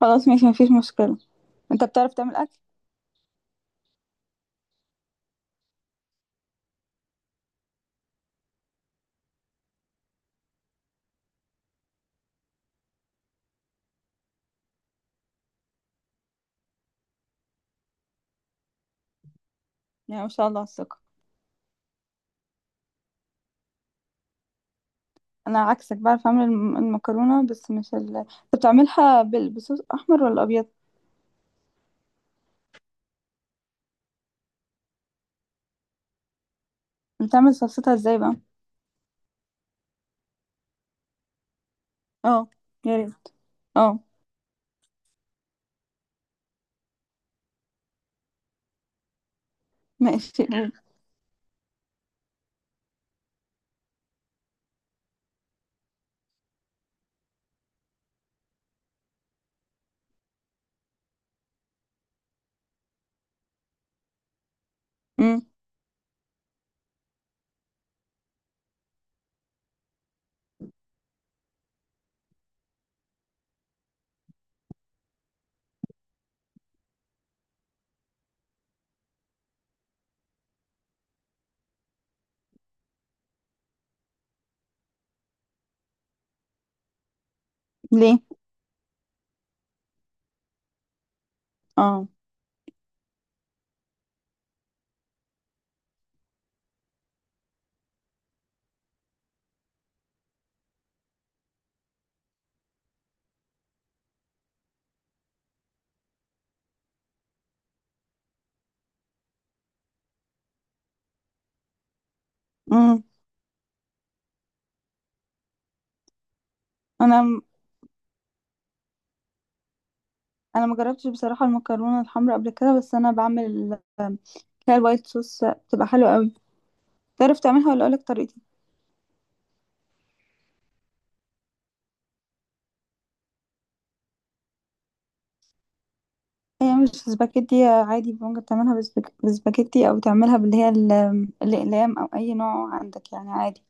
خلاص ماشي، مفيش مشكلة. انت بتعرف تعمل اكل؟ يعني ما شاء الله على الثقة. انا عكسك، بعرف اعمل المكرونة بس مش انت بتعملها بصوص احمر ولا ابيض؟ بتعمل صلصتها ازاي بقى؟ اه، يا ريت. اه، ماشي قول. امم ليه؟ اه. امم انا م- انا ما جربتش بصراحة المكرونة الحمراء قبل كده، بس انا بعمل اللي هي الوايت صوص، بتبقى حلوة قوي. تعرف تعملها ولا اقولك طريقتي؟ هي مش سباكيتي، عادي ممكن تعملها بالسباكيتي او تعملها باللي هي الاقلام او اي نوع عندك يعني عادي.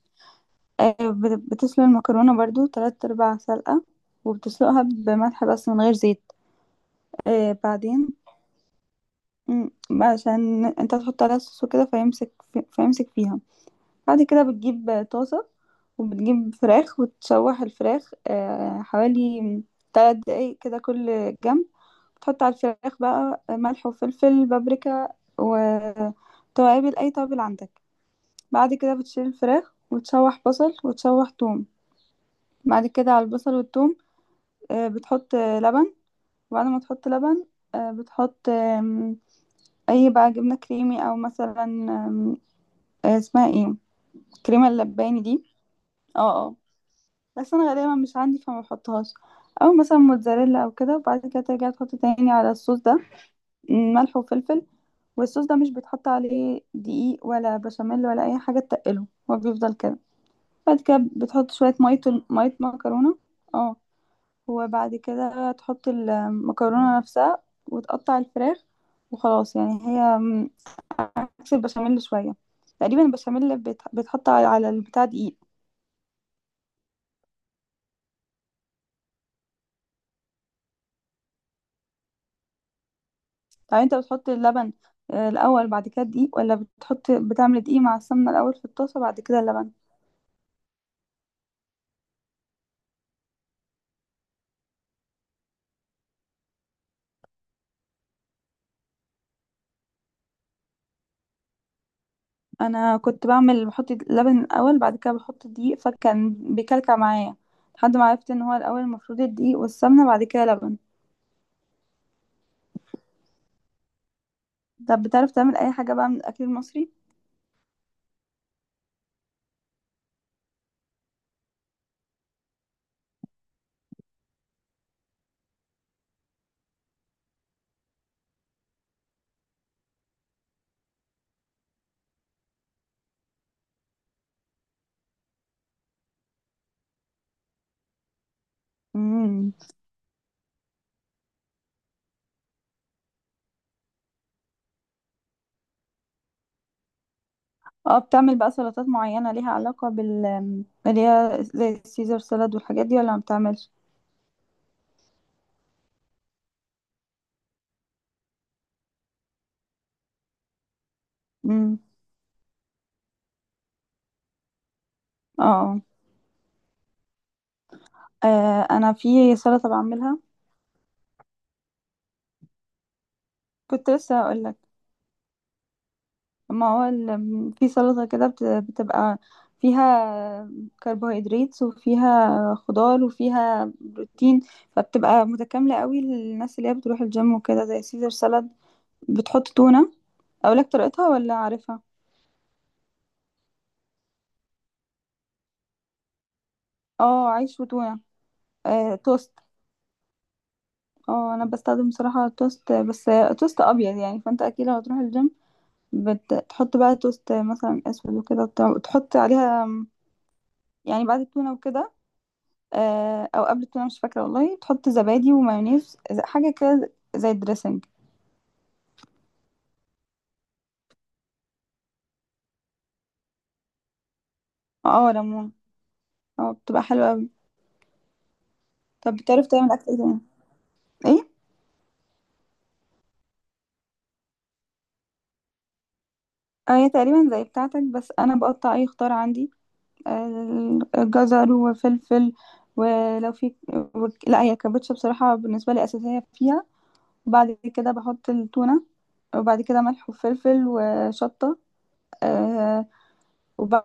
بتسلق المكرونه برضو تلات ارباع سلقه، وبتسلقها بملح بس من غير زيت. بعدين مم، عشان انت تحط عليها صوص وكده فيمسك، فيمسك فيها. بعد كده بتجيب طاسه، وبتجيب فراخ وتشوح الفراخ، حوالي تلات دقايق كده كل جنب. تحط على الفراخ بقى ملح وفلفل بابريكا وتوابل، أي توابل عندك. بعد كده بتشيل الفراخ وتشوح بصل وتشوح توم. بعد كده على البصل والتوم بتحط لبن. وبعد ما تحط لبن بتحط أي بقى جبنة كريمي، أو مثلا اسمها ايه، كريمة اللباني دي. اه. اه. بس أنا غالبا مش عندي، فما بحطهاش، أو مثلا موتزاريلا أو كده. وبعد كده ترجع تحط تاني على الصوص ده ملح وفلفل. والصوص ده مش بيتحط عليه دقيق ولا بشاميل ولا اي حاجه تقله، هو بيفضل كده. بعد كده بتحط شويه ميه، ميه مكرونه. اه. وبعد كده تحط المكرونه نفسها وتقطع الفراخ، وخلاص يعني. هي عكس البشاميل شويه. تقريبا البشاميل بيتحط على على البتاع دقيق. طب انت بتحط اللبن الاول بعد كده الدقيق، ولا بتحط بتعمل دقيق مع السمنه الاول في الطاسه بعد كده اللبن؟ انا كنت بعمل بحط اللبن الاول بعد كده بحط دقيق، فكان بيكلكع معايا، لحد ما عرفت ان هو الاول المفروض الدقيق والسمنه بعد كده لبن. طب بتعرف تعمل اي حاجه بقى من الاكل المصري؟ امم. اه، بتعمل بقى سلطات معينه ليها علاقه بال، اللي هي زي السيزر سالاد والحاجات دي، ولا ما بتعملش؟ امم. اه. انا في سلطه بعملها، كنت لسه هقولك. ما هو في سلطة كده بتبقى فيها كربوهيدرات وفيها خضار وفيها بروتين، فبتبقى متكاملة قوي للناس اللي هي بتروح الجيم وكده، زي سيزر سالاد. بتحط تونة. اقولك طريقتها ولا عارفها؟ اه عيش وتونة. توست. اه انا بستخدم بصراحة توست بس، توست ابيض يعني. فانت اكيد لو هتروح الجيم بتحط بقى توست مثلا اسود وكده وبتاع، وتحط عليها، يعني بعد التونة وكده او قبل التونه مش فاكره والله، تحط زبادي ومايونيز، حاجه كده زي الدريسنج. اه ليمون. اه بتبقى حلوه قوي. طب بتعرف تعمل اكل ايه تاني؟ ايه. هي تقريبا زي بتاعتك، بس انا بقطع اي خضار عندي، جزر وفلفل، ولو في، لا هي الكابوتشا بصراحه بالنسبه لي اساسيه فيها. وبعد كده بحط التونه، وبعد كده ملح وفلفل وشطه. آه، وبعد،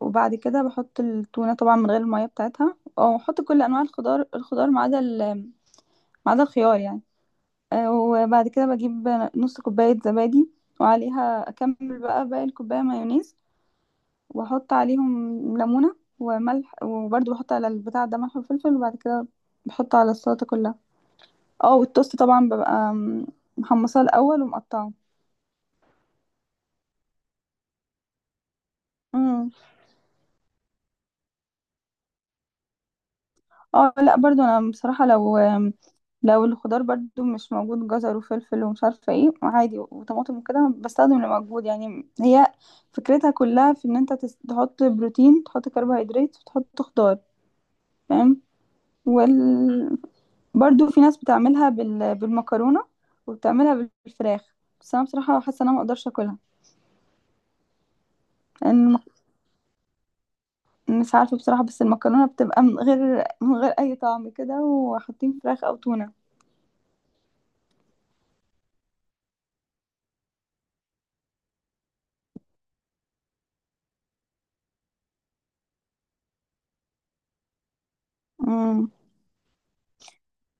وبعد كده بحط التونة طبعا من غير المية بتاعتها، أو أحط كل أنواع الخضار الخضار ما عدا ما عدا الخيار يعني. وبعد كده بجيب نص كوباية زبادي، وعليها أكمل بقى باقي الكوباية مايونيز، وأحط عليهم ليمونة وملح، وبرضه بحط على البتاع ده ملح وفلفل، وبعد كده بحط على السلطة كلها. اه والتوست طبعا ببقى محمصاه الأول ومقطعه. اه لا برضو انا بصراحة، لو لو الخضار برضو مش موجود جزر وفلفل ومش عارفة ايه، عادي وطماطم وكده، بستخدم اللي موجود يعني. هي فكرتها كلها في ان انت تحط بروتين تحط كربوهيدرات وتحط خضار، فاهم. وال... برضو في ناس بتعملها بالمكرونة، وبتعملها بالفراخ، بس انا بصراحة حاسة ان انا مقدرش اكلها، لان مش عارفة بصراحة، بس المكرونة بتبقى من غير من غير اي طعم كده وحاطين فراخ او تونة. مم.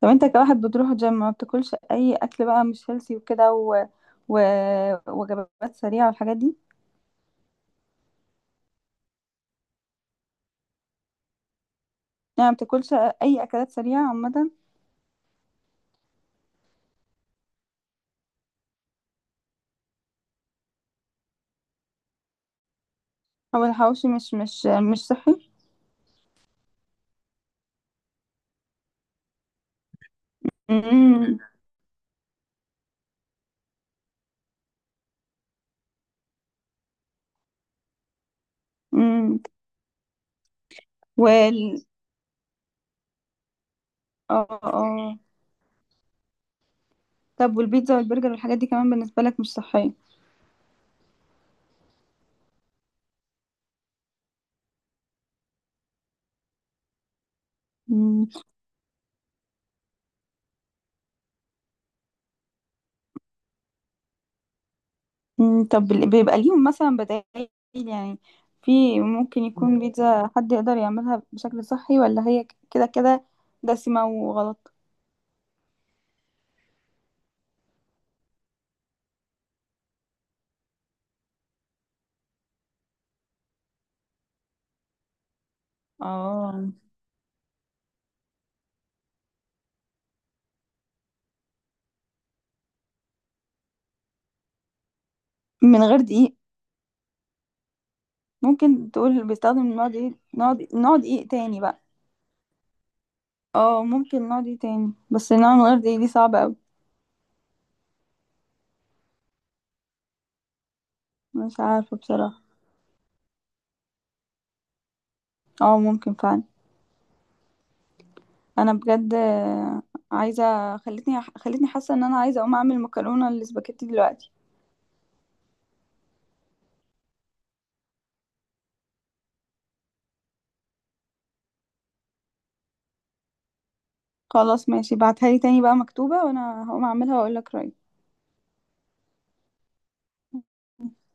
طب انت كواحد بتروح جيم ما بتاكلش اي اكل بقى مش هيلسي وكده، و... و... وجبات سريعه والحاجات دي؟ يعني ما بتاكلش اي اكلات سريعه عامه؟ او الحواوشي، مش مش صحي. امم. امم. وال، اه اه. طب والبيتزا والبرجر والحاجات دي كمان بالنسبه لك مش صحيه؟ مم. مم. طب بيبقى ليهم مثلا بدائل يعني؟ في ممكن يكون بيتزا حد يقدر يعملها بشكل صحي، ولا هي كده كده دسمه وغلط؟ اه من غير دقيق. ممكن تقول بيستخدم، نقعد ايه، نقعد ايه تاني بقى؟ اه ممكن نقعد ايه تاني، بس نقعد من غير دقيق دي صعبة اوي. مش عارفة بصراحة. اه ممكن فعلا. انا بجد عايزة، خلتني حاسة ان انا عايزة اقوم اعمل مكرونة الاسباجيتي دلوقتي. خلاص ماشي، بعتها لي تاني بقى مكتوبة، وانا هقوم اعملها واقول لك رأيي.